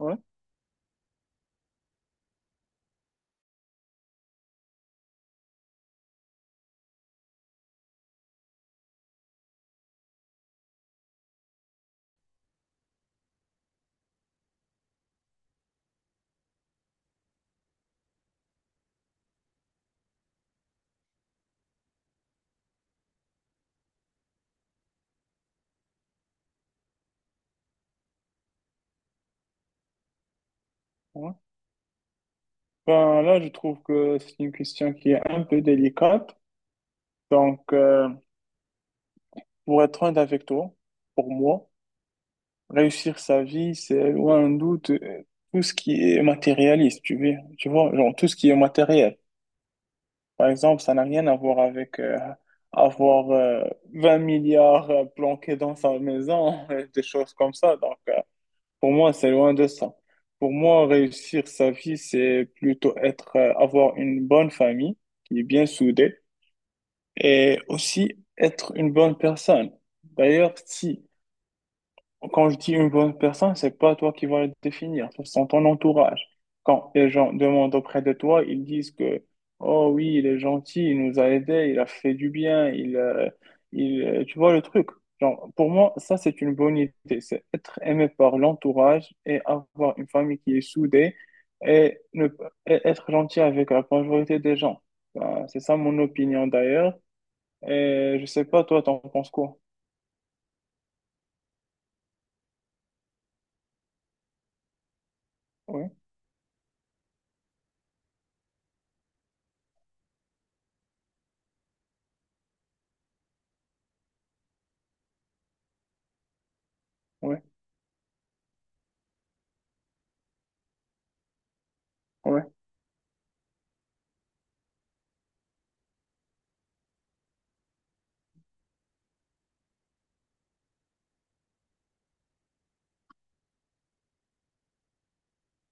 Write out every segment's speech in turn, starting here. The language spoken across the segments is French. Ouais, ouais. Ben là, je trouve que c'est une question qui est un peu délicate. Donc, pour être honnête avec toi, pour moi, réussir sa vie, c'est loin d'un doute tout ce qui est matérialiste, tu vois, genre tout ce qui est matériel. Par exemple, ça n'a rien à voir avec avoir 20 milliards planqués dans sa maison, des choses comme ça. Donc, pour moi, c'est loin de ça. Pour moi, réussir sa vie, c'est plutôt être, avoir une bonne famille qui est bien soudée et aussi être une bonne personne. D'ailleurs, si quand je dis une bonne personne, c'est pas toi qui vas le définir, ce sont ton entourage. Quand les gens demandent auprès de toi, ils disent que, oh oui, il est gentil, il nous a aidés, il a fait du bien, il, tu vois le truc. Genre, pour moi, ça, c'est une bonne idée. C'est être aimé par l'entourage et avoir une famille qui est soudée et, ne, et être gentil avec la majorité des gens. Ben, c'est ça mon opinion d'ailleurs. Et je sais pas, toi, t'en penses quoi? Oui, oui, oui,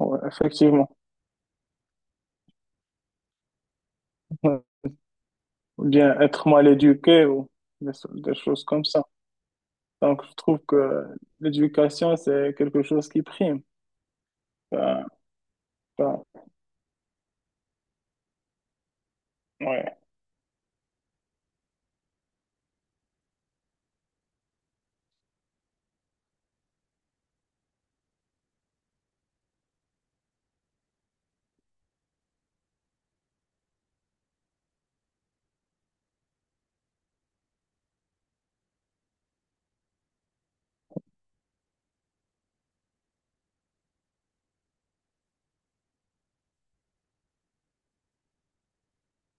oui, effectivement. Ou bien être mal éduqué ou des choses comme ça. Donc, je trouve que l'éducation, c'est quelque chose qui prime. Ben, ben, ouais.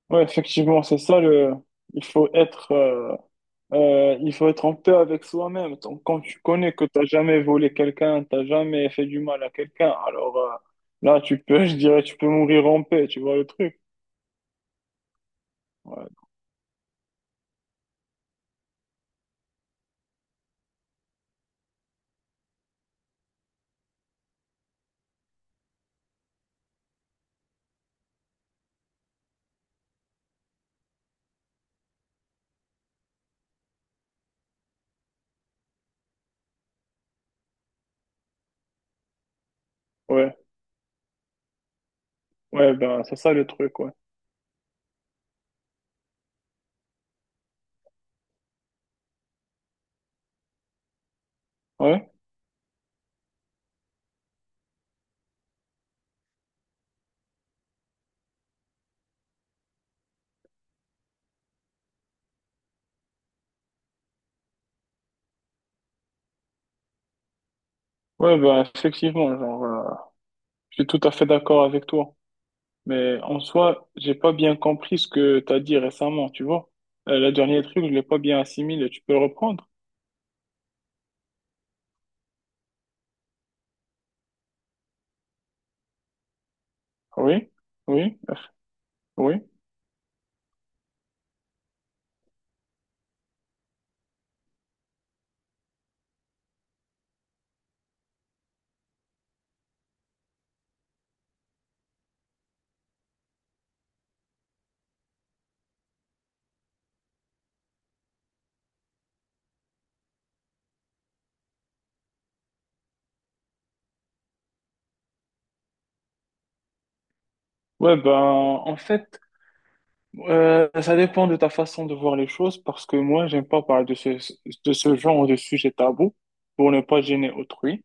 Ouais, effectivement, c'est ça le, il faut être, euh, il faut être en paix avec soi-même. Donc, quand tu connais que t'as jamais volé quelqu'un, t'as jamais fait du mal à quelqu'un, alors, là, tu peux, je dirais, tu peux mourir en paix, tu vois le truc. Ouais, ouais, ouais, ben, c'est ça le truc, ouais. Ouais, ouais, ben, effectivement, genre, je suis tout à fait d'accord avec toi. Mais en soi, j'ai pas bien compris ce que t'as dit récemment, tu vois. La dernière truc, je l'ai pas bien assimilé. Tu peux le reprendre? Oui, oui, oui. Ouais, ben, en fait, ça dépend de ta façon de voir les choses parce que moi, j'aime pas parler de ce genre de sujet tabou pour ne pas gêner autrui.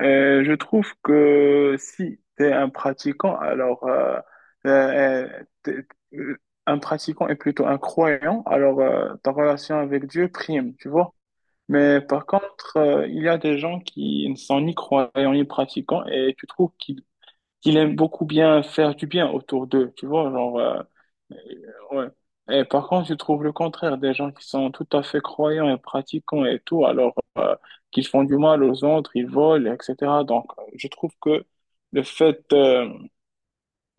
Je trouve que si t'es un pratiquant, alors, euh, t'es- euh, un pratiquant est plutôt un croyant, alors ta relation avec Dieu prime, tu vois. Mais par contre, il y a des gens qui ne sont ni croyants ni pratiquants et tu trouves qu'ils aiment beaucoup bien faire du bien autour d'eux, tu vois, genre, euh, ouais. Et par contre, tu trouves le contraire, des gens qui sont tout à fait croyants et pratiquants et tout, alors qu'ils font du mal aux autres, ils volent, etc. Donc, je trouve que le fait,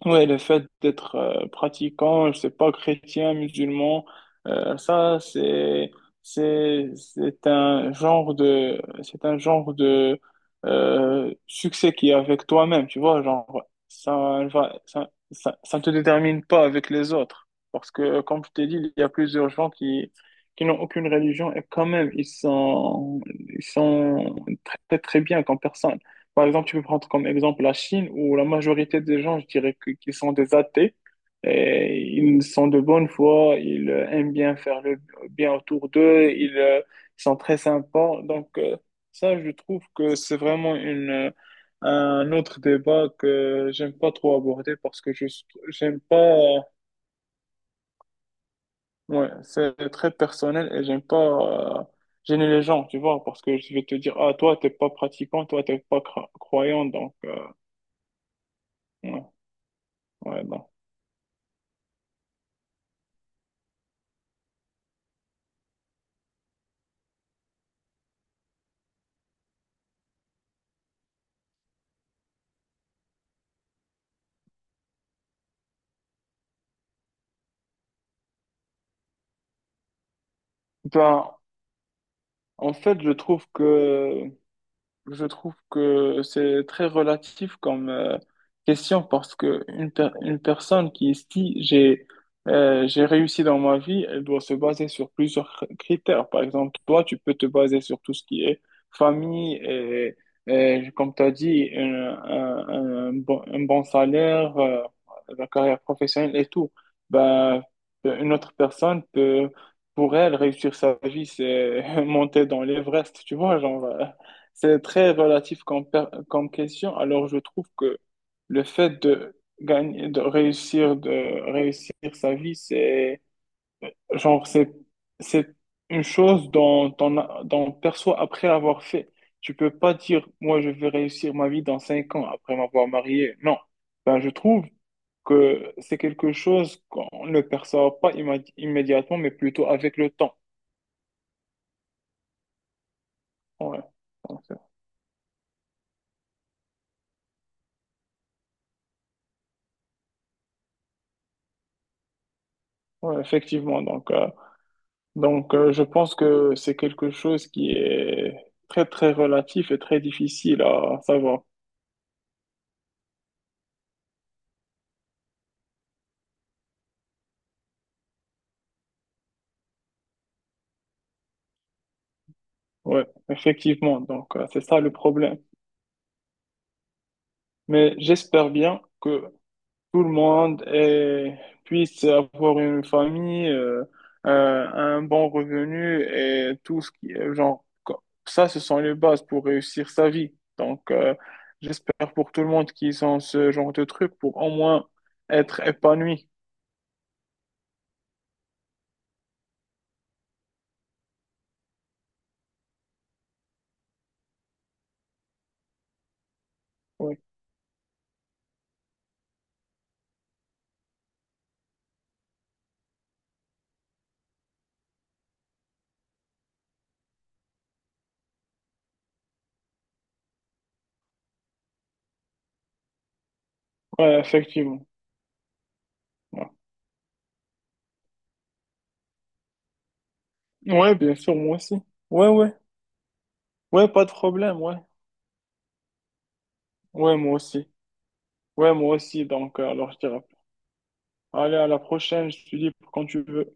ouais, le fait d'être pratiquant, je sais pas, chrétien, musulman, ça c'est un genre de succès qui est avec toi-même, tu vois, genre ça va ça, ça ça ne te détermine pas avec les autres parce que comme je t'ai dit, il y a plusieurs gens qui n'ont aucune religion et quand même ils sont très très bien comme personne par exemple, tu peux prendre comme exemple la Chine, où la majorité des gens, je dirais qu'ils sont des athées, et ils sont de bonne foi, ils aiment bien faire le bien autour d'eux, ils sont très sympas. Donc, ça, je trouve que c'est vraiment un autre débat que j'aime pas trop aborder parce que je j'aime pas, ouais, c'est très personnel et j'aime pas euh, gêner les gens, tu vois, parce que je vais te dire, ah, toi, t'es pas pratiquant, toi, t'es pas croyant, donc, ouais, ouais, donc. Ben, en fait, je trouve que c'est très relatif comme question parce que une personne qui se dit j'ai réussi dans ma vie, elle doit se baser sur plusieurs critères. Par exemple, toi, tu peux te baser sur tout ce qui est famille et comme tu as dit, un bon salaire, la carrière professionnelle et tout. Ben, une autre personne peut, pour elle, réussir sa vie, c'est monter dans l'Everest, tu vois, genre. C'est très relatif comme question. Alors, je trouve que le fait de gagner, de réussir, sa vie, genre, c'est, c'est une chose dont on perçoit après l'avoir fait. Tu peux pas dire, moi, je vais réussir ma vie dans 5 ans après m'avoir marié. Non. Ben, je trouve que c'est quelque chose qu'on ne perçoit pas immédiatement, mais plutôt avec le temps. Ouais. Donc, ouais, effectivement. Donc, je pense que c'est quelque chose qui est très, très relatif et très difficile à savoir. Ouais, effectivement. Donc, c'est ça le problème. Mais j'espère bien que tout le monde puisse avoir une famille, un bon revenu et tout ce qui est genre, ça, ce sont les bases pour réussir sa vie. Donc, j'espère pour tout le monde qu'ils ont ce genre de truc pour au moins être épanoui. Ouais, ouais, effectivement. Ouais. Ouais, bien sûr, moi aussi. Ouais, ouais. Ouais, pas de problème, ouais. Ouais, moi aussi. Ouais, moi aussi. Donc, alors, je dirais. Allez, à la prochaine, je te dis quand tu veux.